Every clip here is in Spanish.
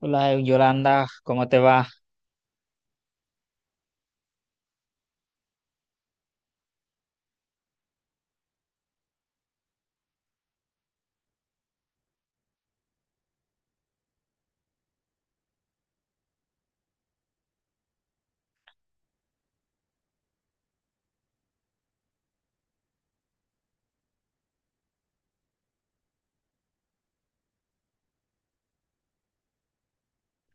Hola Yolanda, ¿cómo te va?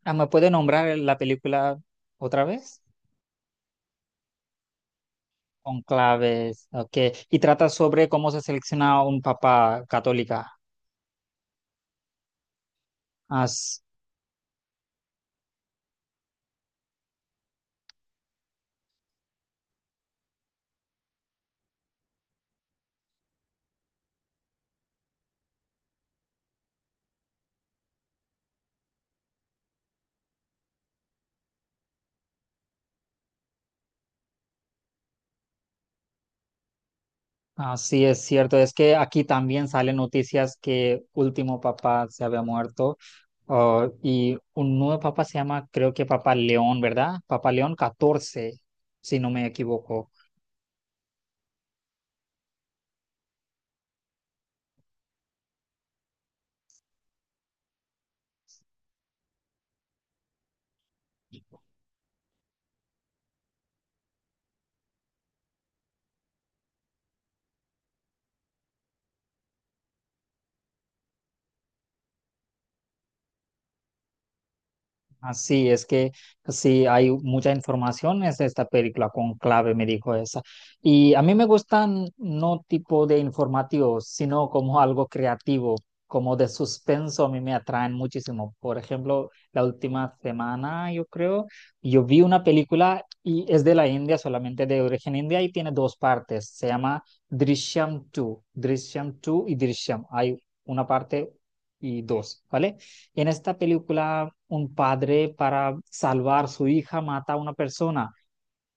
Ah, ¿me puede nombrar la película otra vez? Conclaves, ok. Y trata sobre cómo se selecciona un papa católica. As- Así es cierto, es que aquí también salen noticias que último papa se había muerto, y un nuevo papa se llama, creo que Papa León, ¿verdad? Papa León 14, si no me equivoco. Así es que pues sí, hay mucha información en esta película, Conclave me dijo esa. Y a mí me gustan no tipo de informativos, sino como algo creativo, como de suspenso, a mí me atraen muchísimo. Por ejemplo, la última semana, yo creo, yo vi una película y es de la India, solamente de origen india y tiene dos partes. Se llama Drishyam 2, Drishyam 2 y Drishyam. Hay una parte y dos, ¿vale? En esta película, un padre para salvar a su hija mata a una persona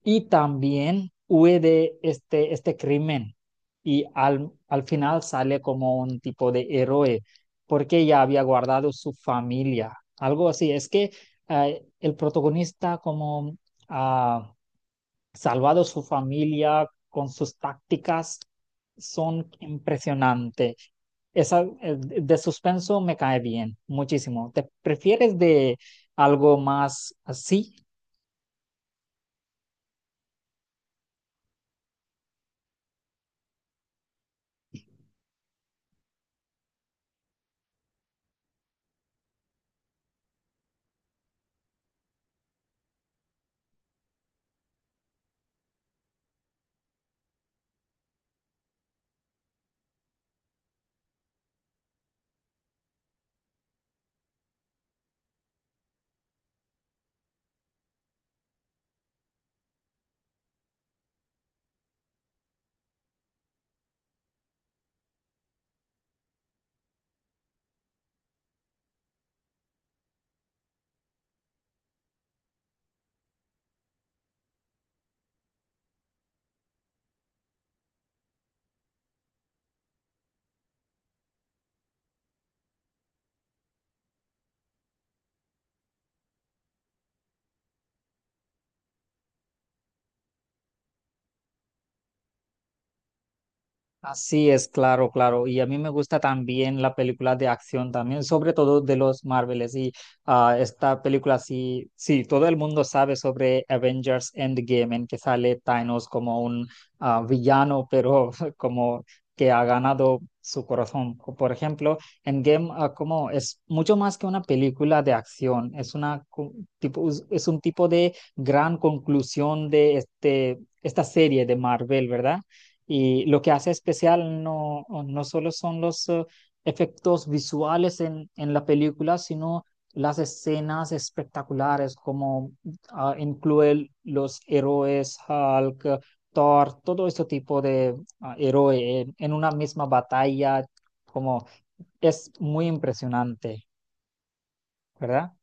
y también huye de este crimen y al final sale como un tipo de héroe porque ya había guardado su familia, algo así. Es que el protagonista como ah, salvado su familia con sus tácticas son impresionantes. Esa de suspenso me cae bien, muchísimo. ¿Te prefieres de algo más así? Así es, claro, claro. Y a mí me gusta también la película de acción también, sobre todo de los Marvels. Y esta película sí, sí, todo el mundo sabe sobre Avengers Endgame, en que sale Thanos como un villano, pero como que ha ganado su corazón. O, por ejemplo, Endgame, como es mucho más que una película de acción, es una tipo, es un tipo de gran conclusión de este, esta serie de Marvel, ¿verdad? Y lo que hace especial no, no solo son los efectos visuales en la película, sino las escenas espectaculares, como incluye los héroes: Hulk, Thor, todo este tipo de héroe en una misma batalla, como es muy impresionante, ¿verdad?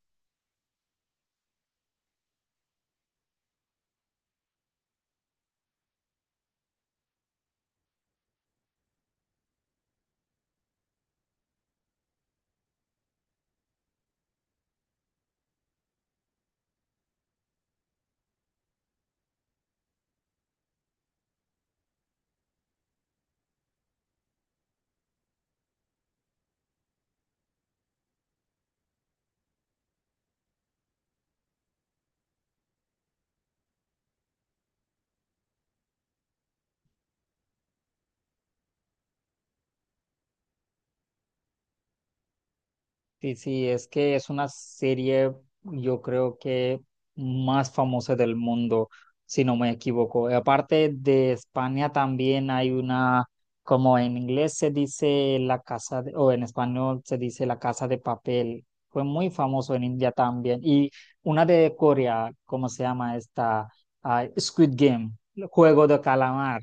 Sí, sí, es que es una serie, yo creo que más famosa del mundo, si no me equivoco. Y aparte de España también hay una, como en inglés se dice la casa, o en español se dice la casa de papel. Fue muy famoso en India también. Y una de Corea, ¿cómo se llama esta? Ah, Squid Game, el juego de calamar.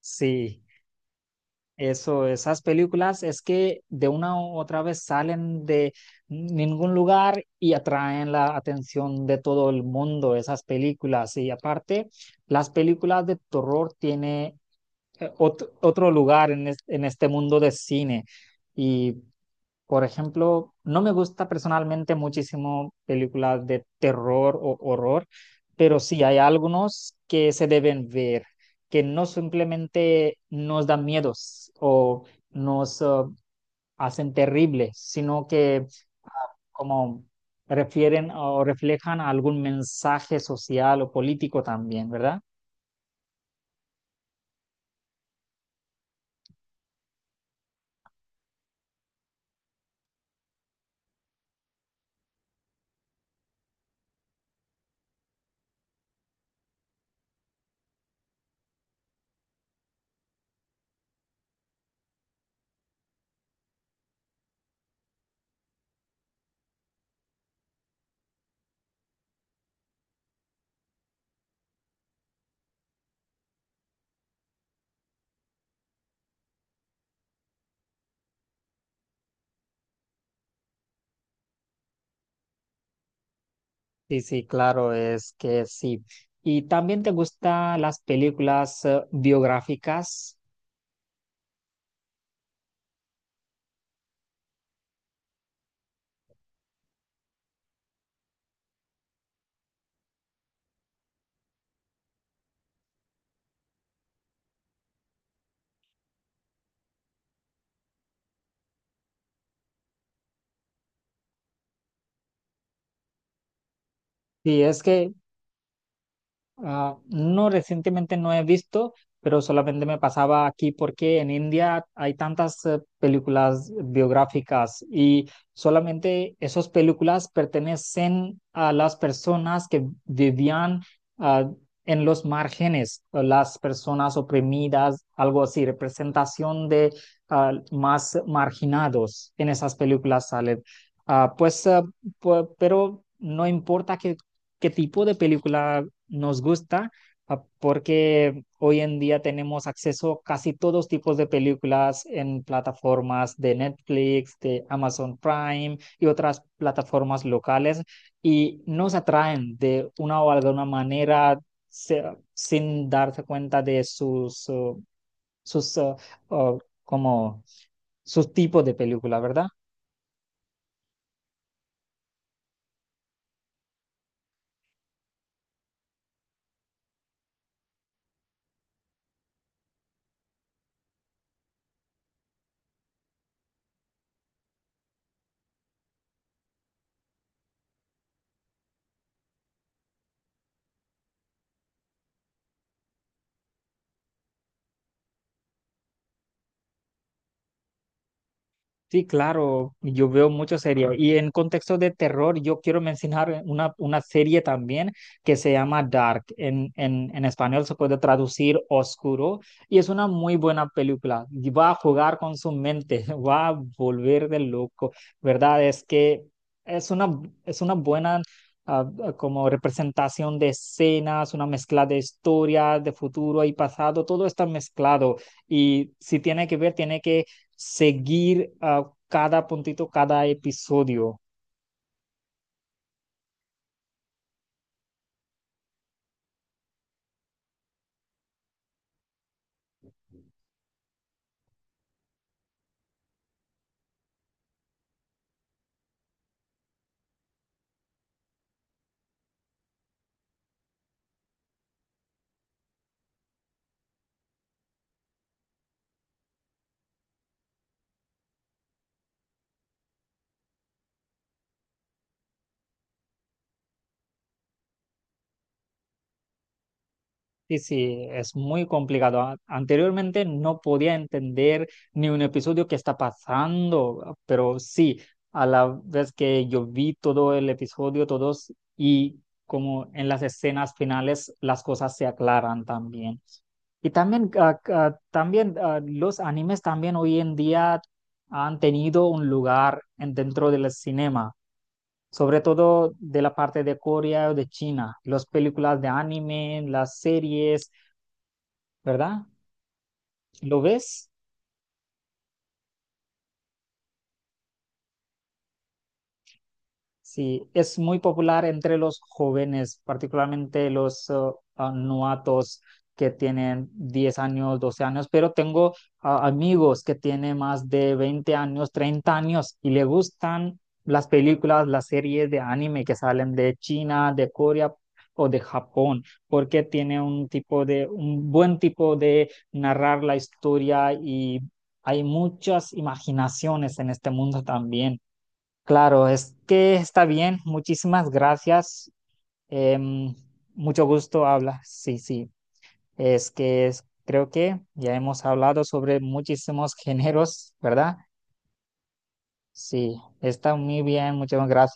Sí. Eso, esas películas es que de una u otra vez salen de ningún lugar y atraen la atención de todo el mundo, esas películas. Y aparte, las películas de terror tienen otro lugar en este mundo de cine. Y por ejemplo, no me gusta personalmente muchísimo películas de terror o horror, pero sí hay algunos que se deben ver, que no simplemente nos dan miedos o nos hacen terribles, sino que como refieren o reflejan algún mensaje social o político también, ¿verdad? Sí, sí, claro, es que sí. ¿Y también te gustan las películas biográficas? Sí, es que ah, no, recientemente no he visto, pero solamente me pasaba aquí porque en India hay tantas películas biográficas y solamente esas películas pertenecen a las personas que vivían, ah, en los márgenes, o las personas oprimidas, algo así, representación de más marginados en esas películas salen. Ah, pues, pero no importa qué tipo de película nos gusta, porque hoy en día tenemos acceso a casi todos tipos de películas en plataformas de Netflix, de Amazon Prime y otras plataformas locales y nos atraen de una o alguna manera se- sin darse cuenta de sus, sus uh, como sus tipos de película, ¿verdad? Sí, claro, yo veo muchas series. Y en contexto de terror, yo quiero mencionar una serie también que se llama Dark. En español se puede traducir oscuro y es una muy buena película. Y va a jugar con su mente, va a volver de loco, ¿verdad? Es que es una, es una buena, como representación de escenas, una mezcla de historias, de futuro y pasado, todo está mezclado. Y si tiene que ver, tiene que seguir, cada puntito, cada episodio. Sí, sí, es muy complicado. Anteriormente no podía entender ni un episodio que está pasando, pero sí, a la vez que yo vi todo el episodio, todos, y como en las escenas finales, las cosas se aclaran también. Y también, también los animes también hoy en día han tenido un lugar dentro del cinema, sobre todo de la parte de Corea o de China, las películas de anime, las series, ¿verdad? ¿Lo ves? Sí, es muy popular entre los jóvenes, particularmente los novatos que tienen 10 años, 12 años, pero tengo amigos que tienen más de 20 años, 30 años y le gustan las películas, las series de anime que salen de China, de Corea o de Japón, porque tiene un tipo de, un buen tipo de narrar la historia y hay muchas imaginaciones en este mundo también. Claro, es que está bien. Muchísimas gracias. Em, mucho gusto hablar. Sí, sí. Es que creo que ya hemos hablado sobre muchísimos géneros, ¿verdad? Sí, está muy bien. Muchas gracias.